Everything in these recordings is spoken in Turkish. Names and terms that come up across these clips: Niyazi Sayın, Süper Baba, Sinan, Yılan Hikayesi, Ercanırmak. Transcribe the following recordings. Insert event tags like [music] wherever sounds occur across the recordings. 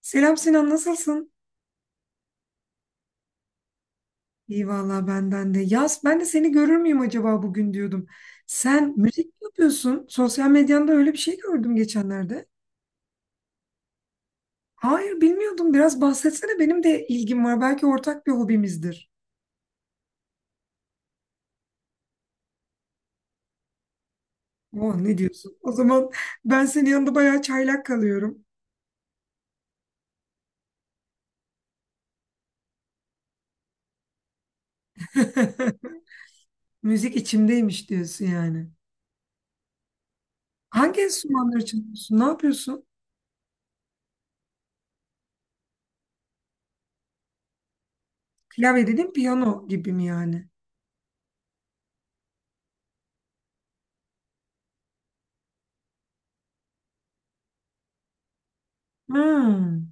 Selam Sinan, nasılsın? İyi valla benden de. Yaz, ben de seni görür müyüm acaba bugün diyordum. Sen müzik mi yapıyorsun? Sosyal medyanda öyle bir şey gördüm geçenlerde. Hayır, bilmiyordum. Biraz bahsetsene. Benim de ilgim var. Belki ortak bir hobimizdir. Oh, ne diyorsun? O zaman ben senin yanında bayağı çaylak kalıyorum. [laughs] Müzik içimdeymiş diyorsun yani. Hangi enstrümanları çalıyorsun? Ne yapıyorsun? Klavye dedim, piyano gibi mi yani? Hmm.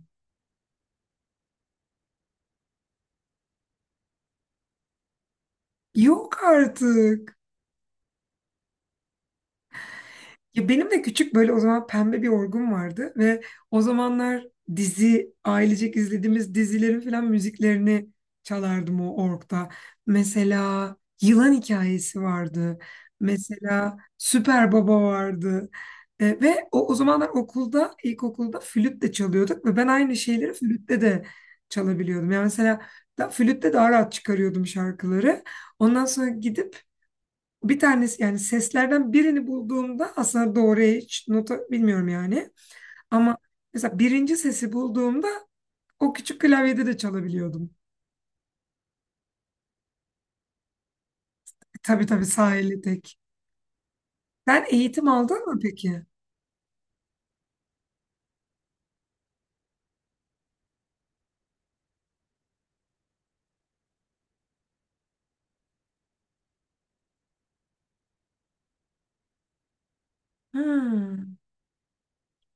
Yok artık. Ya benim de küçük böyle o zaman pembe bir orgum vardı ve o zamanlar ailecek izlediğimiz dizilerin falan müziklerini çalardım o orgda. Mesela Yılan Hikayesi vardı. Mesela Süper Baba vardı. Ve o zamanlar okulda, ilkokulda flüt de çalıyorduk ve ben aynı şeyleri flütte de çalabiliyordum. Yani mesela da, flütte daha rahat çıkarıyordum şarkıları. Ondan sonra gidip bir tanesi yani seslerden birini bulduğumda aslında doğru hiç nota bilmiyorum yani. Ama mesela birinci sesi bulduğumda o küçük klavyede de çalabiliyordum. Tabii tabii sağ elle tek. Sen eğitim aldın mı peki? Hmm.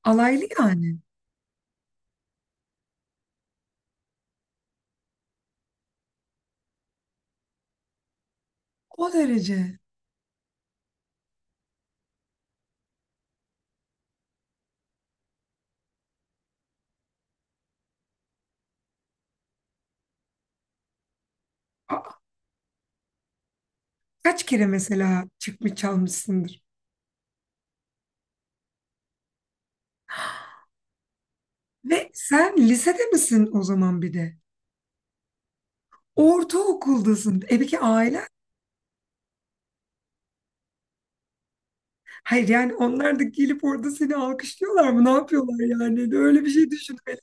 Alaylı yani. O derece. Aa, kaç kere mesela çıkmış çalmışsındır? Ve sen lisede misin o zaman bir de? Ortaokuldasın. E peki aile. Hayır yani onlar da gelip orada seni alkışlıyorlar mı? Ne yapıyorlar yani? Öyle bir şey düşünmeli.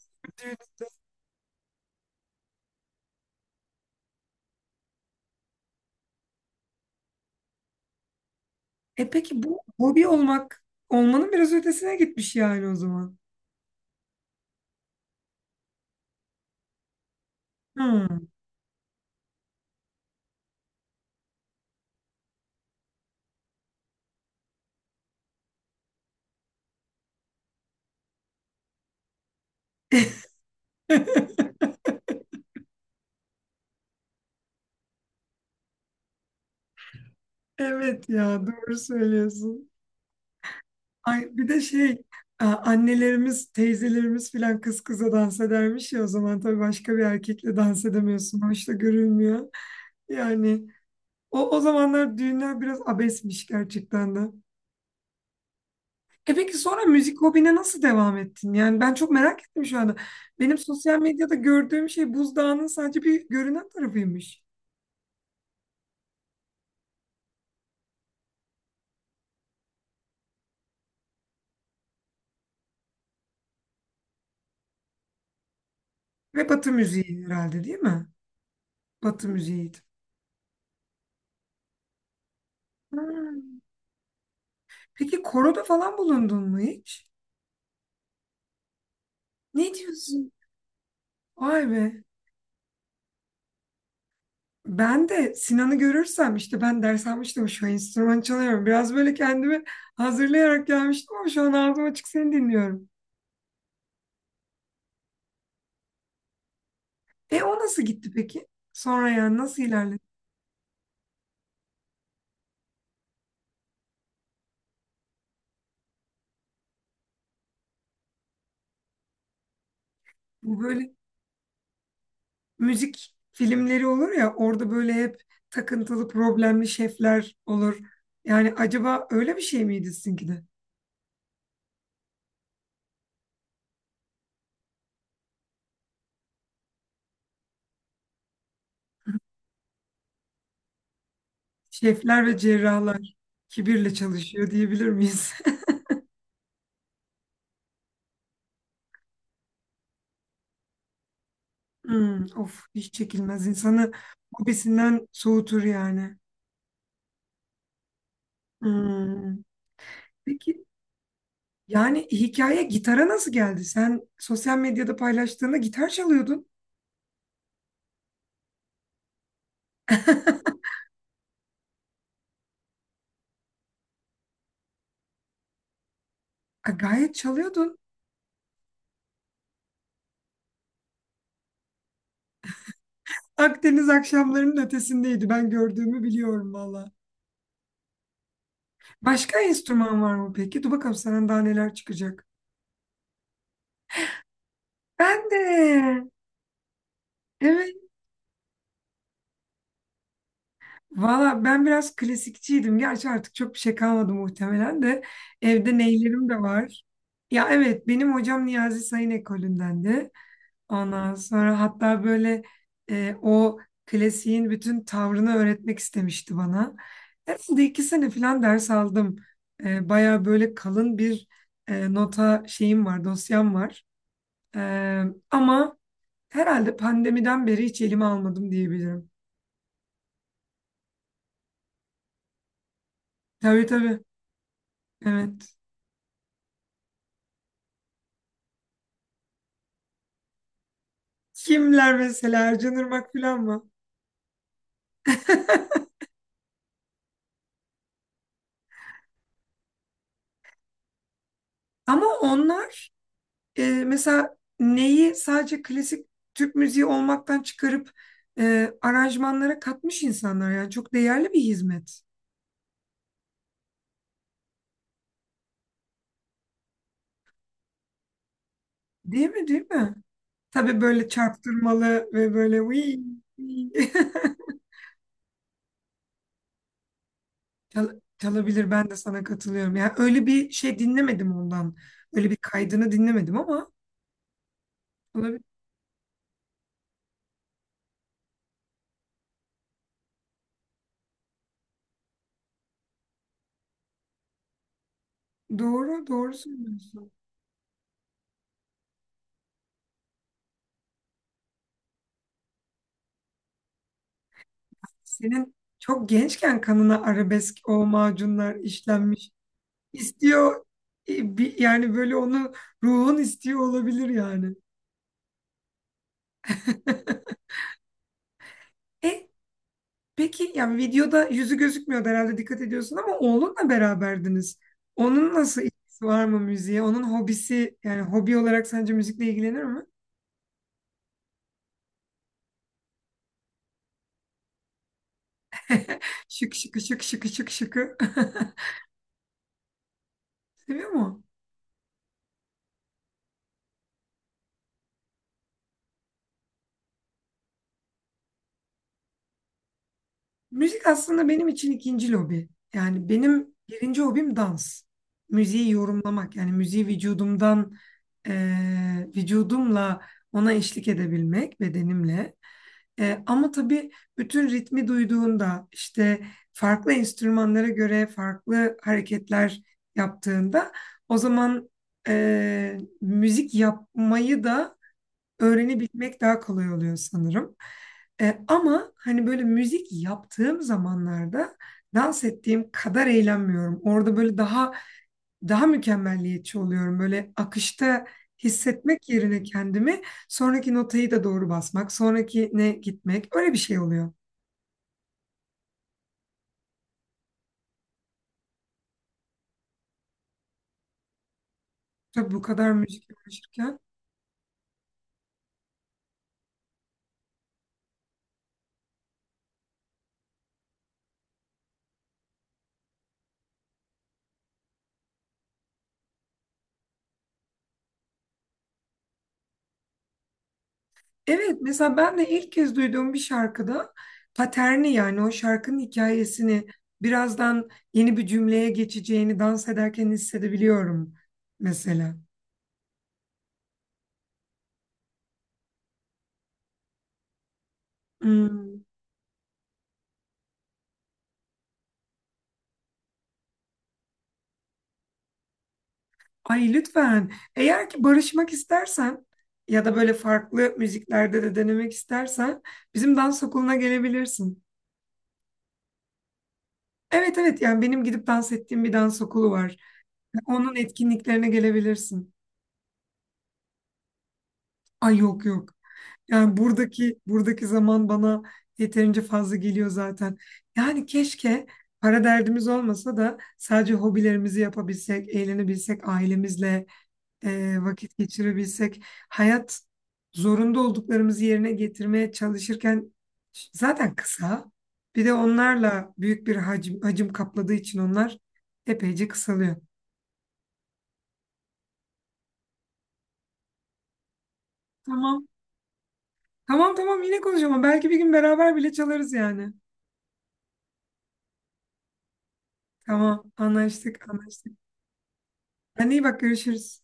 E peki bu hobi olmak olmanın biraz ötesine gitmiş yani o zaman. Hmm. [laughs] Evet ya doğru söylüyorsun. Ay bir de şey annelerimiz, teyzelerimiz filan kız kıza dans edermiş ya o zaman tabii başka bir erkekle dans edemiyorsun. Hoş da görülmüyor. Yani o zamanlar düğünler biraz abesmiş gerçekten de. E peki sonra müzik hobine nasıl devam ettin? Yani ben çok merak ettim şu anda. Benim sosyal medyada gördüğüm şey buzdağının sadece bir görünen tarafıymış. Ve Batı müziği herhalde değil mi? Batı müziğiydi. Hmm. Peki koroda falan bulundun mu hiç? Ne diyorsun? Vay be. Ben de Sinan'ı görürsem işte ben ders almıştım şu an enstrüman çalıyorum. Biraz böyle kendimi hazırlayarak gelmiştim ama şu an ağzım açık seni dinliyorum. E o nasıl gitti peki? Sonra yani nasıl ilerledi? Bu böyle müzik filmleri olur ya orada böyle hep takıntılı problemli şefler olur. Yani acaba öyle bir şey miydi sizinki de? Şefler ve cerrahlar kibirle çalışıyor diyebilir miyiz? [laughs] Hmm, of hiç çekilmez insanı hobisinden soğutur yani. Hmm. Peki yani hikaye gitara nasıl geldi? Sen sosyal medyada paylaştığında gitar çalıyordun. [laughs] Ha, gayet çalıyordun. Akdeniz akşamlarının ötesindeydi. Ben gördüğümü biliyorum valla. Başka enstrüman var mı peki? Dur bakalım sana daha neler çıkacak. Ben de. Evet. Valla ben biraz klasikçiydim. Gerçi artık çok bir şey kalmadı muhtemelen de. Evde neylerim de var. Ya evet benim hocam Niyazi Sayın ekolündendi. Ondan sonra hatta böyle o klasiğin bütün tavrını öğretmek istemişti bana. Herhalde 2 sene falan ders aldım. Baya böyle kalın bir nota şeyim var, dosyam var. E, Ama... Herhalde pandemiden beri hiç elime almadım diyebilirim. Tabii tabii. Evet. Kimler mesela Ercanırmak falan mı? [laughs] Ama onlar mesela neyi sadece klasik Türk müziği olmaktan çıkarıp aranjmanlara katmış insanlar yani çok değerli bir hizmet. Değil mi, değil mi? Tabii böyle çarptırmalı ve böyle "Uy, uy." [laughs] Çalabilir ben de sana katılıyorum. Yani öyle bir şey dinlemedim ondan. Öyle bir kaydını dinlemedim ama olabilir. Doğru, doğru söylüyorsun. Senin çok gençken kanına arabesk o macunlar işlenmiş. İstiyor yani böyle onu ruhun istiyor olabilir yani. E peki yani videoda yüzü gözükmüyordu herhalde dikkat ediyorsun ama oğlunla beraberdiniz. Onun nasıl ilgisi var mı müziğe? Onun hobisi yani hobi olarak sence müzikle ilgilenir mi? [laughs] Şık şıkı şık şıkı şık şıkı. [laughs] Seviyor mu? Müzik aslında benim için ikinci lobi. Yani benim birinci hobim dans. Müziği yorumlamak. Yani müziği vücudumdan, vücudumla ona eşlik edebilmek, bedenimle. Ama tabii bütün ritmi duyduğunda, işte farklı enstrümanlara göre farklı hareketler yaptığında, o zaman müzik yapmayı da öğrenebilmek daha kolay oluyor sanırım. Ama hani böyle müzik yaptığım zamanlarda dans ettiğim kadar eğlenmiyorum. Orada böyle daha mükemmelliyetçi oluyorum. Böyle akışta hissetmek yerine kendimi sonraki notayı da doğru basmak, sonrakine gitmek öyle bir şey oluyor. Tabii bu kadar müzik uğraşırken. Evet, mesela ben de ilk kez duyduğum bir şarkıda paterni yani o şarkının hikayesini birazdan yeni bir cümleye geçeceğini dans ederken hissedebiliyorum mesela. Hmm. Ay lütfen eğer ki barışmak istersen ya da böyle farklı müziklerde de denemek istersen bizim dans okuluna gelebilirsin. Evet evet yani benim gidip dans ettiğim bir dans okulu var. Onun etkinliklerine gelebilirsin. Ay yok yok. Yani buradaki zaman bana yeterince fazla geliyor zaten. Yani keşke para derdimiz olmasa da sadece hobilerimizi yapabilsek, eğlenebilsek, ailemizle vakit geçirebilsek, hayat zorunda olduklarımızı yerine getirmeye çalışırken zaten kısa. Bir de onlarla büyük bir hacim kapladığı için onlar epeyce kısalıyor. Tamam. Tamam tamam yine konuşalım. Belki bir gün beraber bile çalarız yani. Tamam anlaştık anlaştık. Kendine iyi bak görüşürüz.